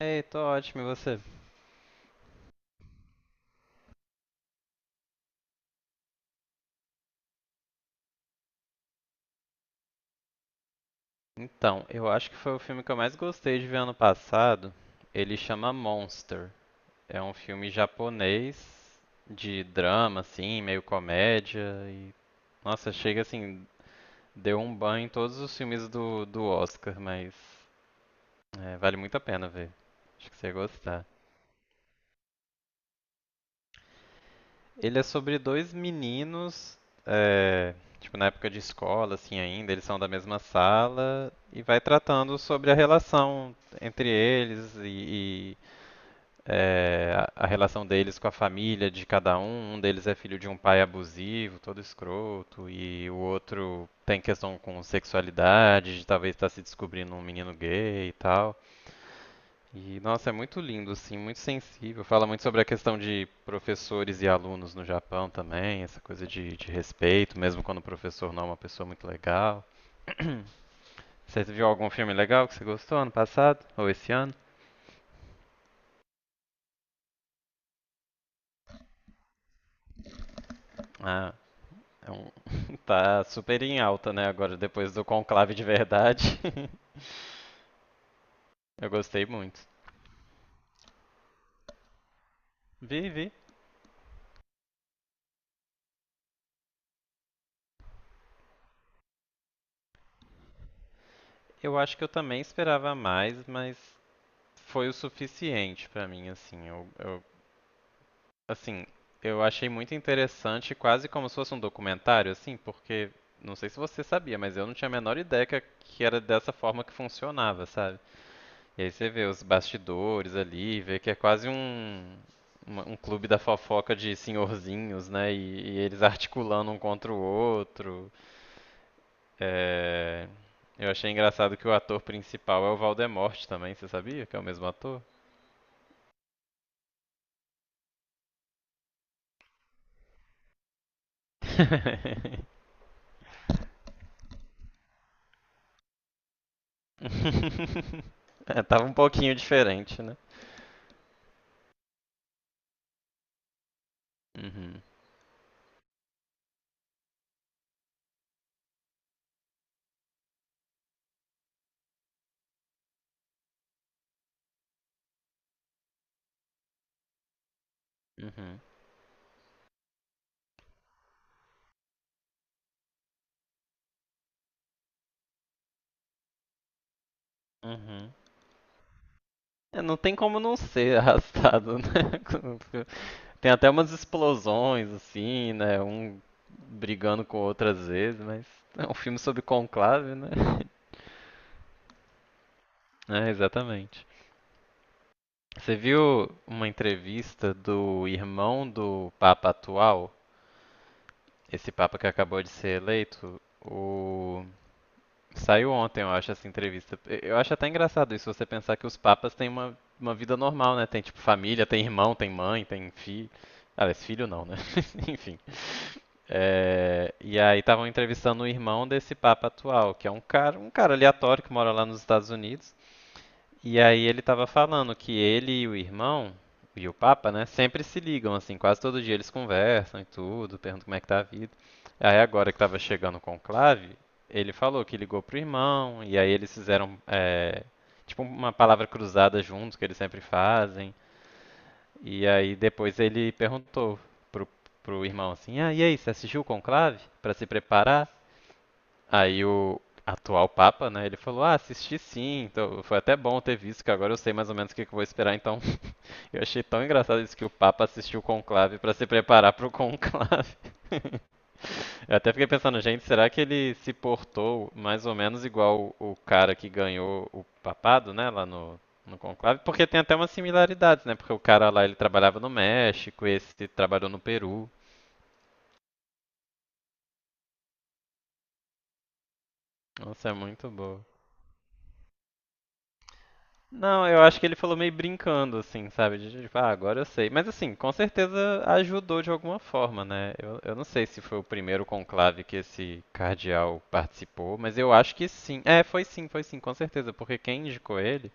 Ei, tô ótimo, e você? Então, eu acho que foi o filme que eu mais gostei de ver ano passado. Ele chama Monster. É um filme japonês de drama, assim, meio comédia e... Nossa, chega assim, deu um banho em todos os filmes do Oscar, mas é, vale muito a pena ver. Acho que você ia gostar. Ele é sobre dois meninos, é, tipo, na época de escola, assim, ainda, eles são da mesma sala, e vai tratando sobre a relação entre eles e a relação deles com a família de cada um. Um deles é filho de um pai abusivo, todo escroto, e o outro tem questão com sexualidade, de talvez estar se descobrindo um menino gay e tal. E, nossa, é muito lindo, assim, muito sensível. Fala muito sobre a questão de professores e alunos no Japão também, essa coisa de respeito, mesmo quando o professor não é uma pessoa muito legal. Você viu algum filme legal que você gostou ano passado? Ou esse ano? Ah, é um- tá super em alta, né, agora, depois do Conclave de Verdade. Eu gostei muito. Vi, vi. Eu acho que eu também esperava mais, mas foi o suficiente pra mim, assim. Eu Assim, eu achei muito interessante, quase como se fosse um documentário, assim, porque não sei se você sabia, mas eu não tinha a menor ideia que era dessa forma que funcionava, sabe? E aí você vê os bastidores ali, vê que é quase um, um clube da fofoca de senhorzinhos, né? E eles articulando um contra o outro. É, eu achei engraçado que o ator principal é o Valdemorte também, você sabia que é o mesmo ator? É, tava um pouquinho diferente, né? Uhum, uhum, uhum. É, não tem como não ser arrastado, né? Tem até umas explosões, assim, né? Um brigando com outras vezes, mas é um filme sobre conclave, né? É, exatamente. Você viu uma entrevista do irmão do Papa atual, esse Papa que acabou de ser eleito, o saiu ontem, eu acho, essa entrevista. Eu acho até engraçado isso, você pensar que os papas têm uma vida normal, né? Tem, tipo, família, tem irmão, tem mãe, tem filho. Aliás, filho não, né? Enfim. É, e aí estavam entrevistando o irmão desse papa atual, que é um cara aleatório que mora lá nos Estados Unidos. E aí ele estava falando que ele e o irmão, e o Papa, né, sempre se ligam, assim, quase todo dia eles conversam e tudo, perguntam como é que tá a vida. Aí agora que estava chegando o conclave, ele falou que ligou pro irmão, e aí eles fizeram, tipo, uma palavra cruzada juntos, que eles sempre fazem. E aí depois ele perguntou pro, pro irmão assim, ah, e aí, você assistiu o conclave? Pra se preparar? Aí o atual Papa, né, ele falou, ah, assisti sim, então foi até bom ter visto, que agora eu sei mais ou menos o que, que eu vou esperar, então eu achei tão engraçado isso que o Papa assistiu o conclave para se preparar para o conclave. Eu até fiquei pensando, gente, será que ele se portou mais ou menos igual o cara que ganhou o papado, né, lá no conclave? Porque tem até umas similaridades, né, porque o cara lá, ele trabalhava no México, esse trabalhou no Peru. Nossa, é muito boa. Não, eu acho que ele falou meio brincando, assim, sabe? De, tipo, ah, agora eu sei. Mas assim, com certeza ajudou de alguma forma, né? Eu não sei se foi o primeiro conclave que esse cardeal participou, mas eu acho que sim. É, foi sim, com certeza. Porque quem indicou ele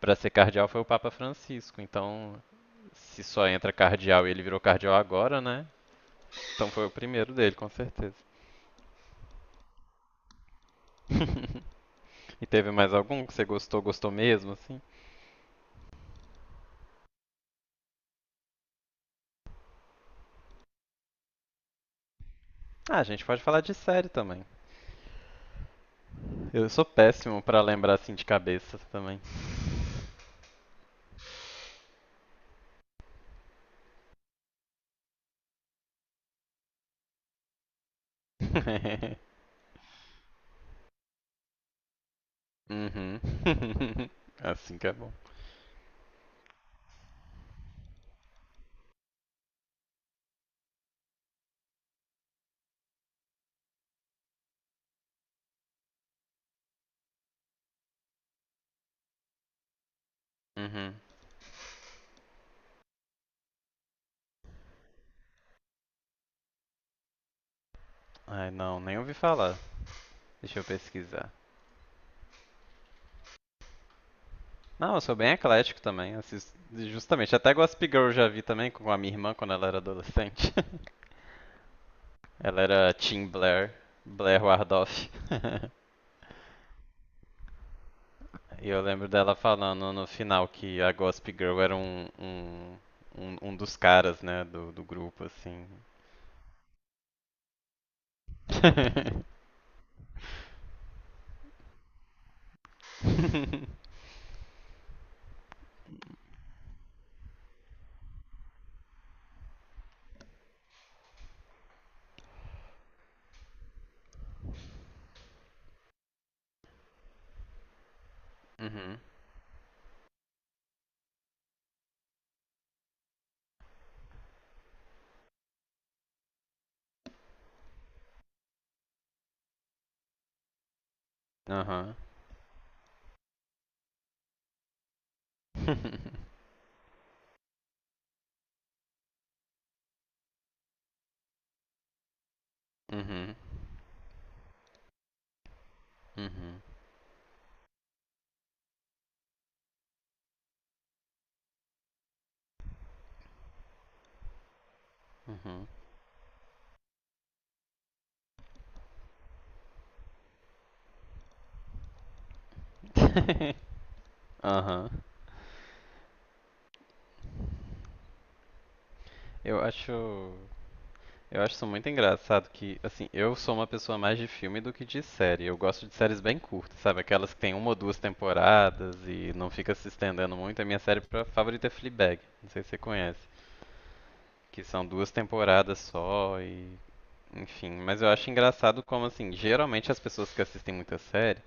pra ser cardeal foi o Papa Francisco. Então, se só entra cardeal e ele virou cardeal agora, né? Então foi o primeiro dele, com certeza. E teve mais algum que você gostou, gostou mesmo, assim? Ah, a gente pode falar de série também. Eu sou péssimo pra lembrar assim de cabeça também. uhum. assim que é bom. Uhum. Ai, não, nem ouvi falar. Deixa eu pesquisar. Não, eu sou bem eclético também. Assisto, justamente, até Gossip Girl eu já vi também com a minha irmã quando ela era adolescente. ela era Tim Blair, Blair Wardoff. E eu lembro dela falando no final que a Gossip Girl era um dos caras, né, do grupo, assim. Uhum. Aham. Uhum. Uhum. Uhum. Aham. Eu acho. Eu acho isso muito engraçado que, assim, eu sou uma pessoa mais de filme do que de série. Eu gosto de séries bem curtas, sabe? Aquelas que tem uma ou duas temporadas e não fica se estendendo muito. A minha série favorita é Fleabag. Não sei se você conhece. Que são duas temporadas só e. Enfim, mas eu acho engraçado como, assim, geralmente as pessoas que assistem muita série.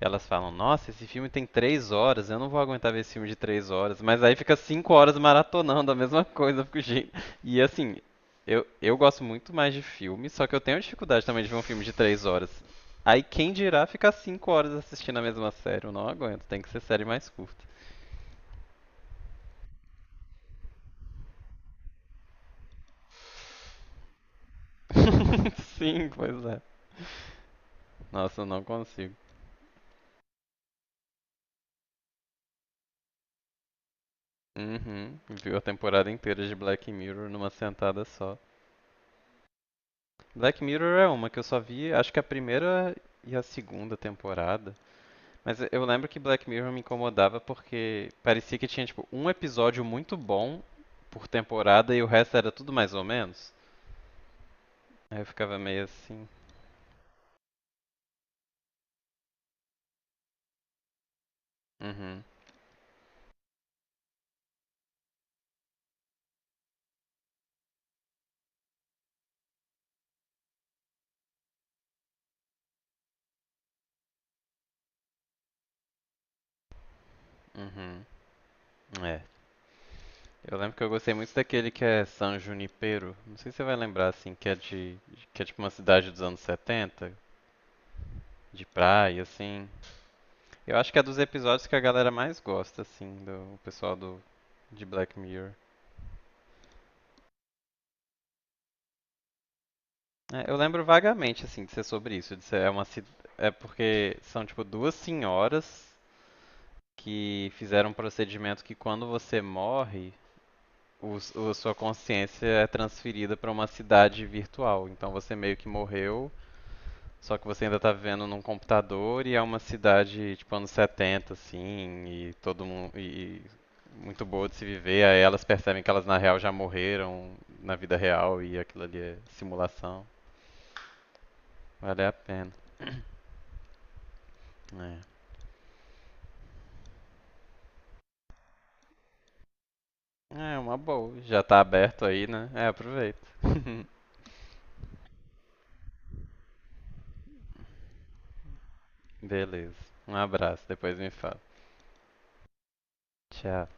Elas falam, nossa, esse filme tem 3 horas, eu não vou aguentar ver esse filme de 3 horas. Mas aí fica 5 horas maratonando a mesma coisa. Eu fico, "Gente." E assim, eu gosto muito mais de filme, só que eu tenho dificuldade também de ver um filme de 3 horas. Aí quem dirá ficar 5 horas assistindo a mesma série? Eu não aguento, tem que ser série mais curta. Sim, pois é. Nossa, eu não consigo. Uhum, viu a temporada inteira de Black Mirror numa sentada só. Black Mirror é uma que eu só vi, acho que a primeira e a segunda temporada. Mas eu lembro que Black Mirror me incomodava porque parecia que tinha, tipo, um episódio muito bom por temporada e o resto era tudo mais ou menos. Aí eu ficava meio assim. Uhum, uhum. É. Eu lembro que eu gostei muito daquele que é San Junipero. Não sei se você vai lembrar, assim, que é de. Que é tipo uma cidade dos anos 70, de praia, assim. Eu acho que é dos episódios que a galera mais gosta, assim, do o pessoal do de Black Mirror. É, eu lembro vagamente, assim, de ser sobre isso, de ser é porque são tipo duas senhoras que fizeram um procedimento que quando você morre, a sua consciência é transferida para uma cidade virtual. Então você meio que morreu, só que você ainda tá vivendo num computador e é uma cidade tipo anos 70 assim, e todo mundo e muito boa de se viver. Aí elas percebem que elas na real já morreram na vida real e aquilo ali é simulação. Vale a pena. É. É, uma boa. Já tá aberto aí, né? É, aproveita. Beleza. Um abraço, depois me fala. Tchau.